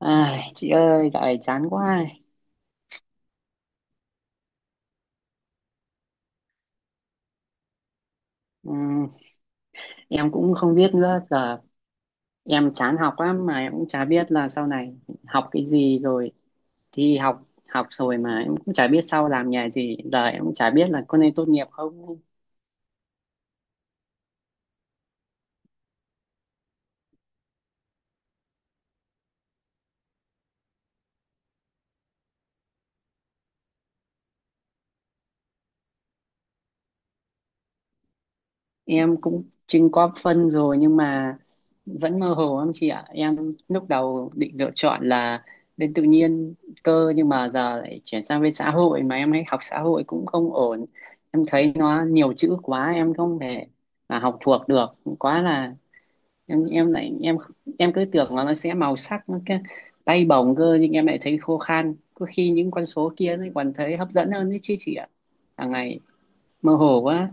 Ai, chị ơi, dạo này chán quá. Ừm, em cũng không biết nữa. Giờ em chán học lắm mà em cũng chả biết là sau này học cái gì, rồi thi học học rồi mà em cũng chả biết sau làm nghề gì. Giờ em cũng chả biết là có nên tốt nghiệp không. Em cũng chưng có phân rồi nhưng mà vẫn mơ hồ lắm chị ạ. Em lúc đầu định lựa chọn là bên tự nhiên cơ, nhưng mà giờ lại chuyển sang bên xã hội, mà em ấy học xã hội cũng không ổn. Em thấy nó nhiều chữ quá, em không thể mà học thuộc được. Quá là em lại em cứ tưởng là nó sẽ màu sắc, nó cái bay bổng cơ, nhưng em lại thấy khô khan, có khi những con số kia nó còn thấy hấp dẫn hơn đấy chứ chị ạ. Hàng ngày mơ hồ quá.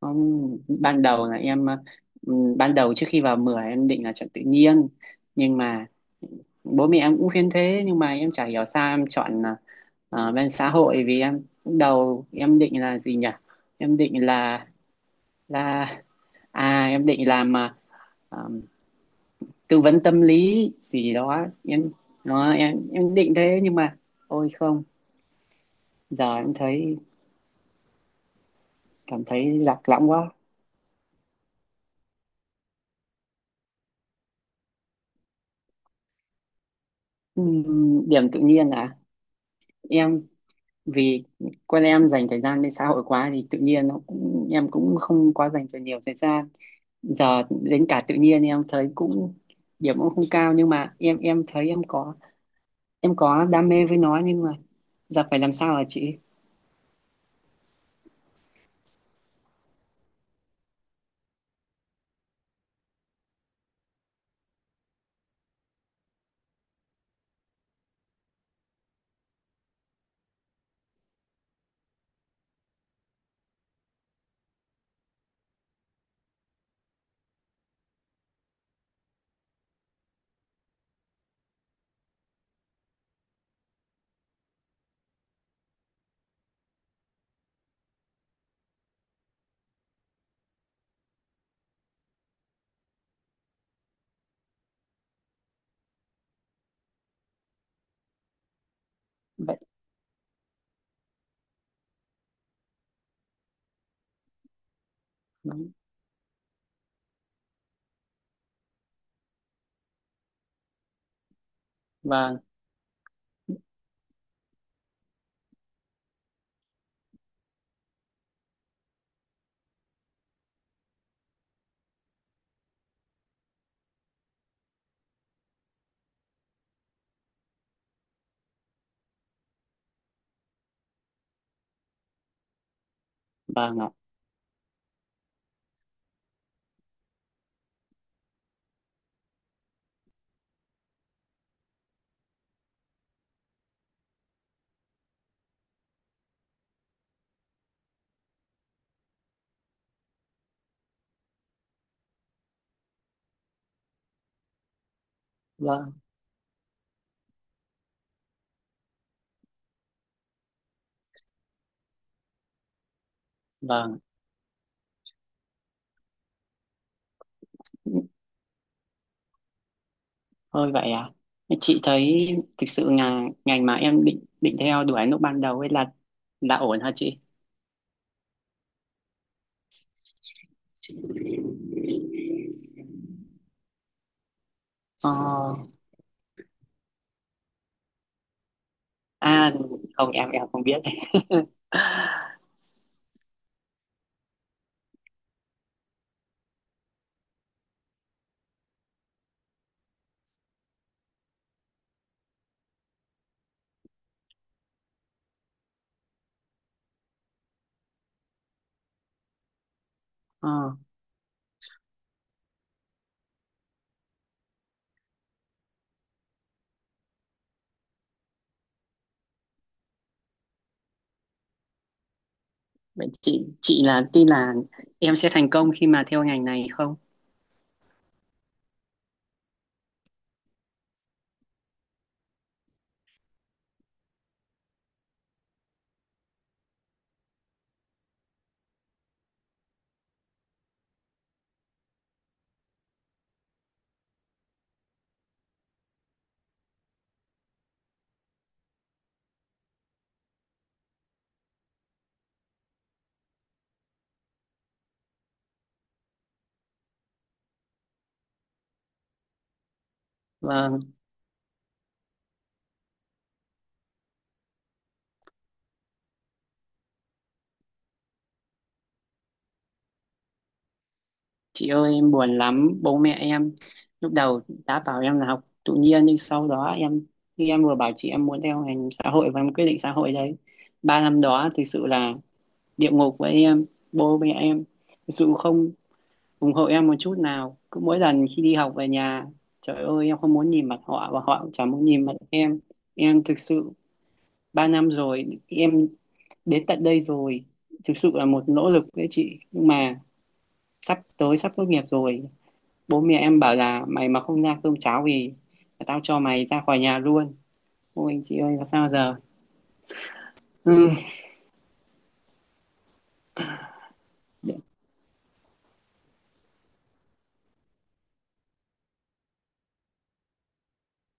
Không, ừ, ban đầu trước khi vào 10, em định là chọn tự nhiên, nhưng mà bố mẹ em cũng khuyên thế, nhưng mà em chả hiểu sao em chọn bên xã hội. Vì em lúc đầu em định là gì nhỉ, em định là, à em định làm ờm, tư vấn tâm lý gì đó. Em nó em em định thế, nhưng mà, ôi không, giờ em cảm thấy lạc lõng quá. Điểm tự nhiên à? Em, vì con em dành thời gian lên xã hội quá thì tự nhiên nó cũng, em cũng không quá dành cho nhiều thời gian. Giờ đến cả tự nhiên em thấy cũng, điểm cũng không cao, nhưng mà em thấy em có đam mê với nó, nhưng mà giờ phải làm sao hả chị? Vậy. Vâng. Vâng. Vâng ạ. Vâng. Vâng. Thôi vậy à? Chị thấy, thực sự là ngành mà em định định theo đuổi lúc ban đầu ấy là ổn hả chị? Ờ, à, không, em không biết. Ờ, vậy chị là tin là em sẽ thành công khi mà theo ngành này không? Vâng, chị ơi em buồn lắm, bố mẹ em lúc đầu đã bảo em là học tự nhiên, nhưng sau đó khi em vừa bảo chị em muốn theo ngành xã hội và em quyết định xã hội đấy. 3 năm đó thực sự là địa ngục với em, bố mẹ em thực sự không ủng hộ em một chút nào. Cứ mỗi lần khi đi học về nhà, trời ơi, em không muốn nhìn mặt họ và họ cũng chẳng muốn nhìn mặt em. Em thực sự, 3 năm rồi em, đến tận đây rồi thực sự là một nỗ lực đấy chị, nhưng mà sắp tốt nghiệp rồi. Bố mẹ em bảo là mày mà không ra cơm cháo thì tao cho mày ra khỏi nhà luôn. Ôi chị ơi là sao giờ? Ừ.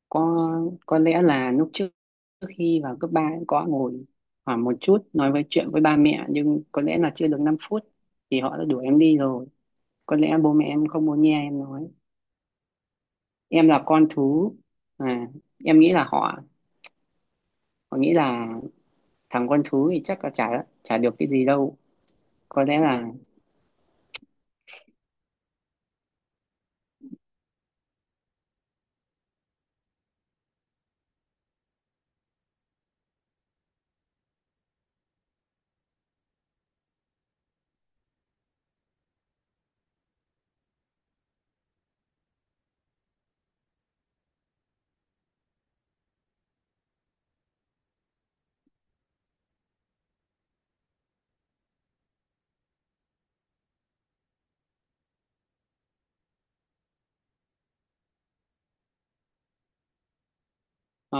có có lẽ là lúc trước, trước khi vào cấp ba, em có ngồi khoảng một chút nói với chuyện với ba mẹ, nhưng có lẽ là chưa được 5 phút thì họ đã đuổi em đi rồi. Có lẽ bố mẹ em không muốn nghe em nói. Em là con thú. À, em nghĩ là họ họ nghĩ là thằng con thú thì chắc là chả chả được cái gì đâu. Có lẽ là ờ,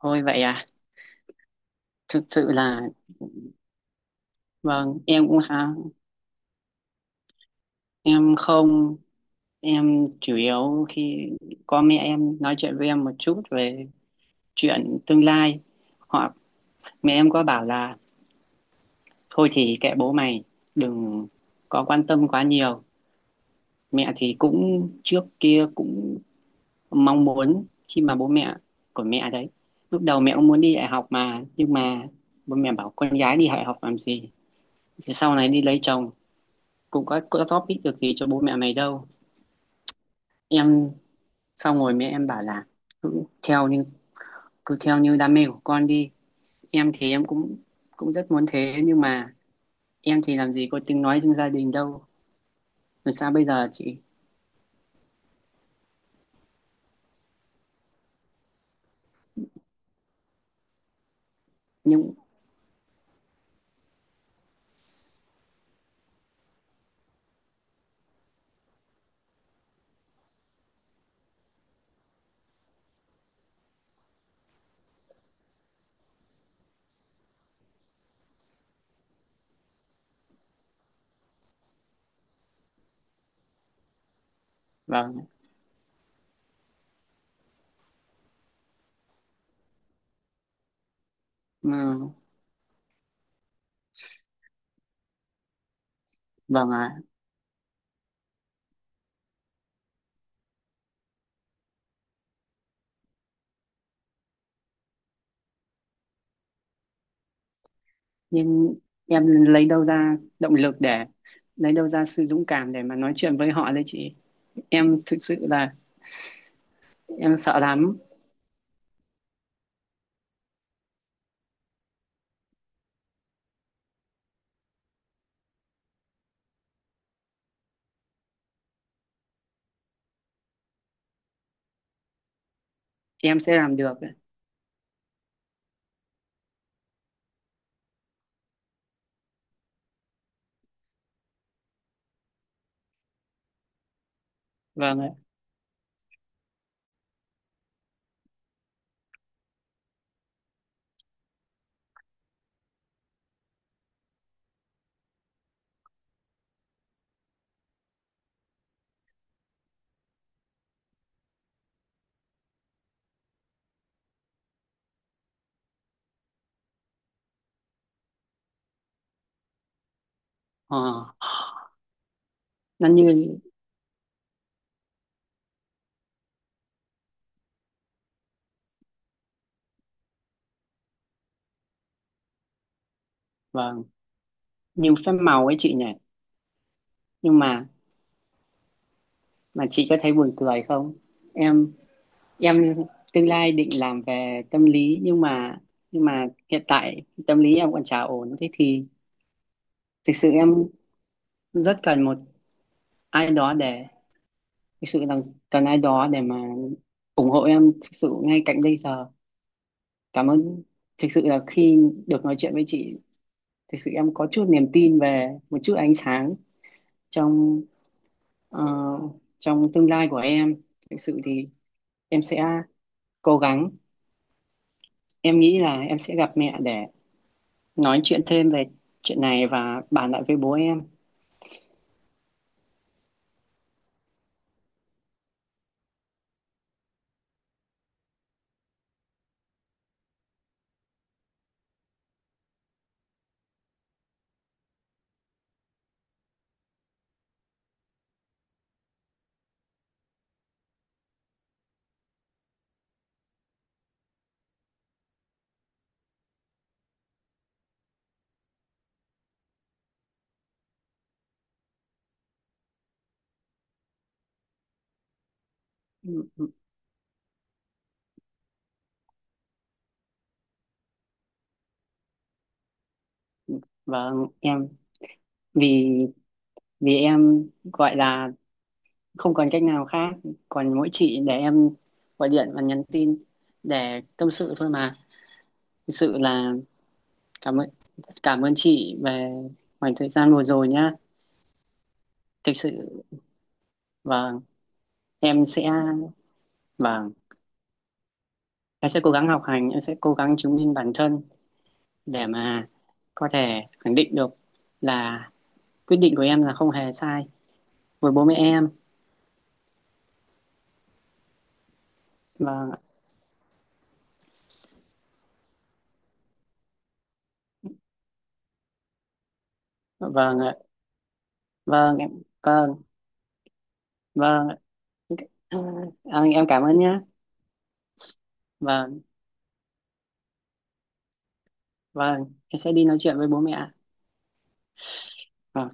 thôi vậy à. Thực sự là vâng, em cũng ha. Em không, em chủ yếu khi có mẹ em nói chuyện với em một chút về chuyện tương lai, hoặc mẹ em có bảo là thôi thì kệ bố mày, đừng có quan tâm quá nhiều. Mẹ thì cũng trước kia cũng mong muốn khi mà bố mẹ của mẹ đấy, lúc đầu mẹ cũng muốn đi đại học mà, nhưng mà bố mẹ bảo con gái đi đại học làm gì, thì sau này đi lấy chồng cũng có giúp ích được gì cho bố mẹ mày đâu. Em, xong rồi mẹ em bảo là cứ theo như cứ theo như đam mê của con đi. Em thì em cũng cũng rất muốn thế, nhưng mà em thì làm gì có tiếng nói trong gia đình đâu. Làm sao bây giờ chị? Nhưng. Vâng. Ừ, vâng ạ. Nhưng em lấy đâu ra động lực để, lấy đâu ra sự dũng cảm để mà nói chuyện với họ đấy chị? Em thực sự là em sợ lắm. Em sẽ làm được. Vâng ạ. ờ, nó như, vâng, như phép màu ấy chị nhỉ. Nhưng mà chị có thấy buồn cười không? Em em, tương lai định làm về tâm lý, nhưng mà hiện tại tâm lý em còn chả ổn. Thế thì thực sự em rất cần một ai đó để, thực sự là cần ai đó để mà ủng hộ em, thực sự ngay cạnh bây giờ. Cảm ơn. Thực sự là khi được nói chuyện với chị, thực sự em có chút niềm tin về một chút ánh sáng trong ờ, trong tương lai của em. Thực sự thì em sẽ cố gắng. Em nghĩ là em sẽ gặp mẹ để nói chuyện thêm về chuyện này và bàn lại với bố em. Và em, vì vì em gọi là không còn cách nào khác, còn mỗi chị để em gọi điện và nhắn tin để tâm sự thôi mà. Thực sự là cảm ơn cảm ơn chị về khoảng thời gian vừa rồi nhá. Thực sự và em sẽ và em sẽ cố gắng học hành, em sẽ cố gắng chứng minh bản thân để mà có thể khẳng định được là quyết định của em là không hề sai với bố mẹ em. Vâng, vâng ạ. Vâng, em. Vâng. Vâng. À, em cảm ơn nhá. Vâng. Vâng, em sẽ đi nói chuyện với bố mẹ. Vâng.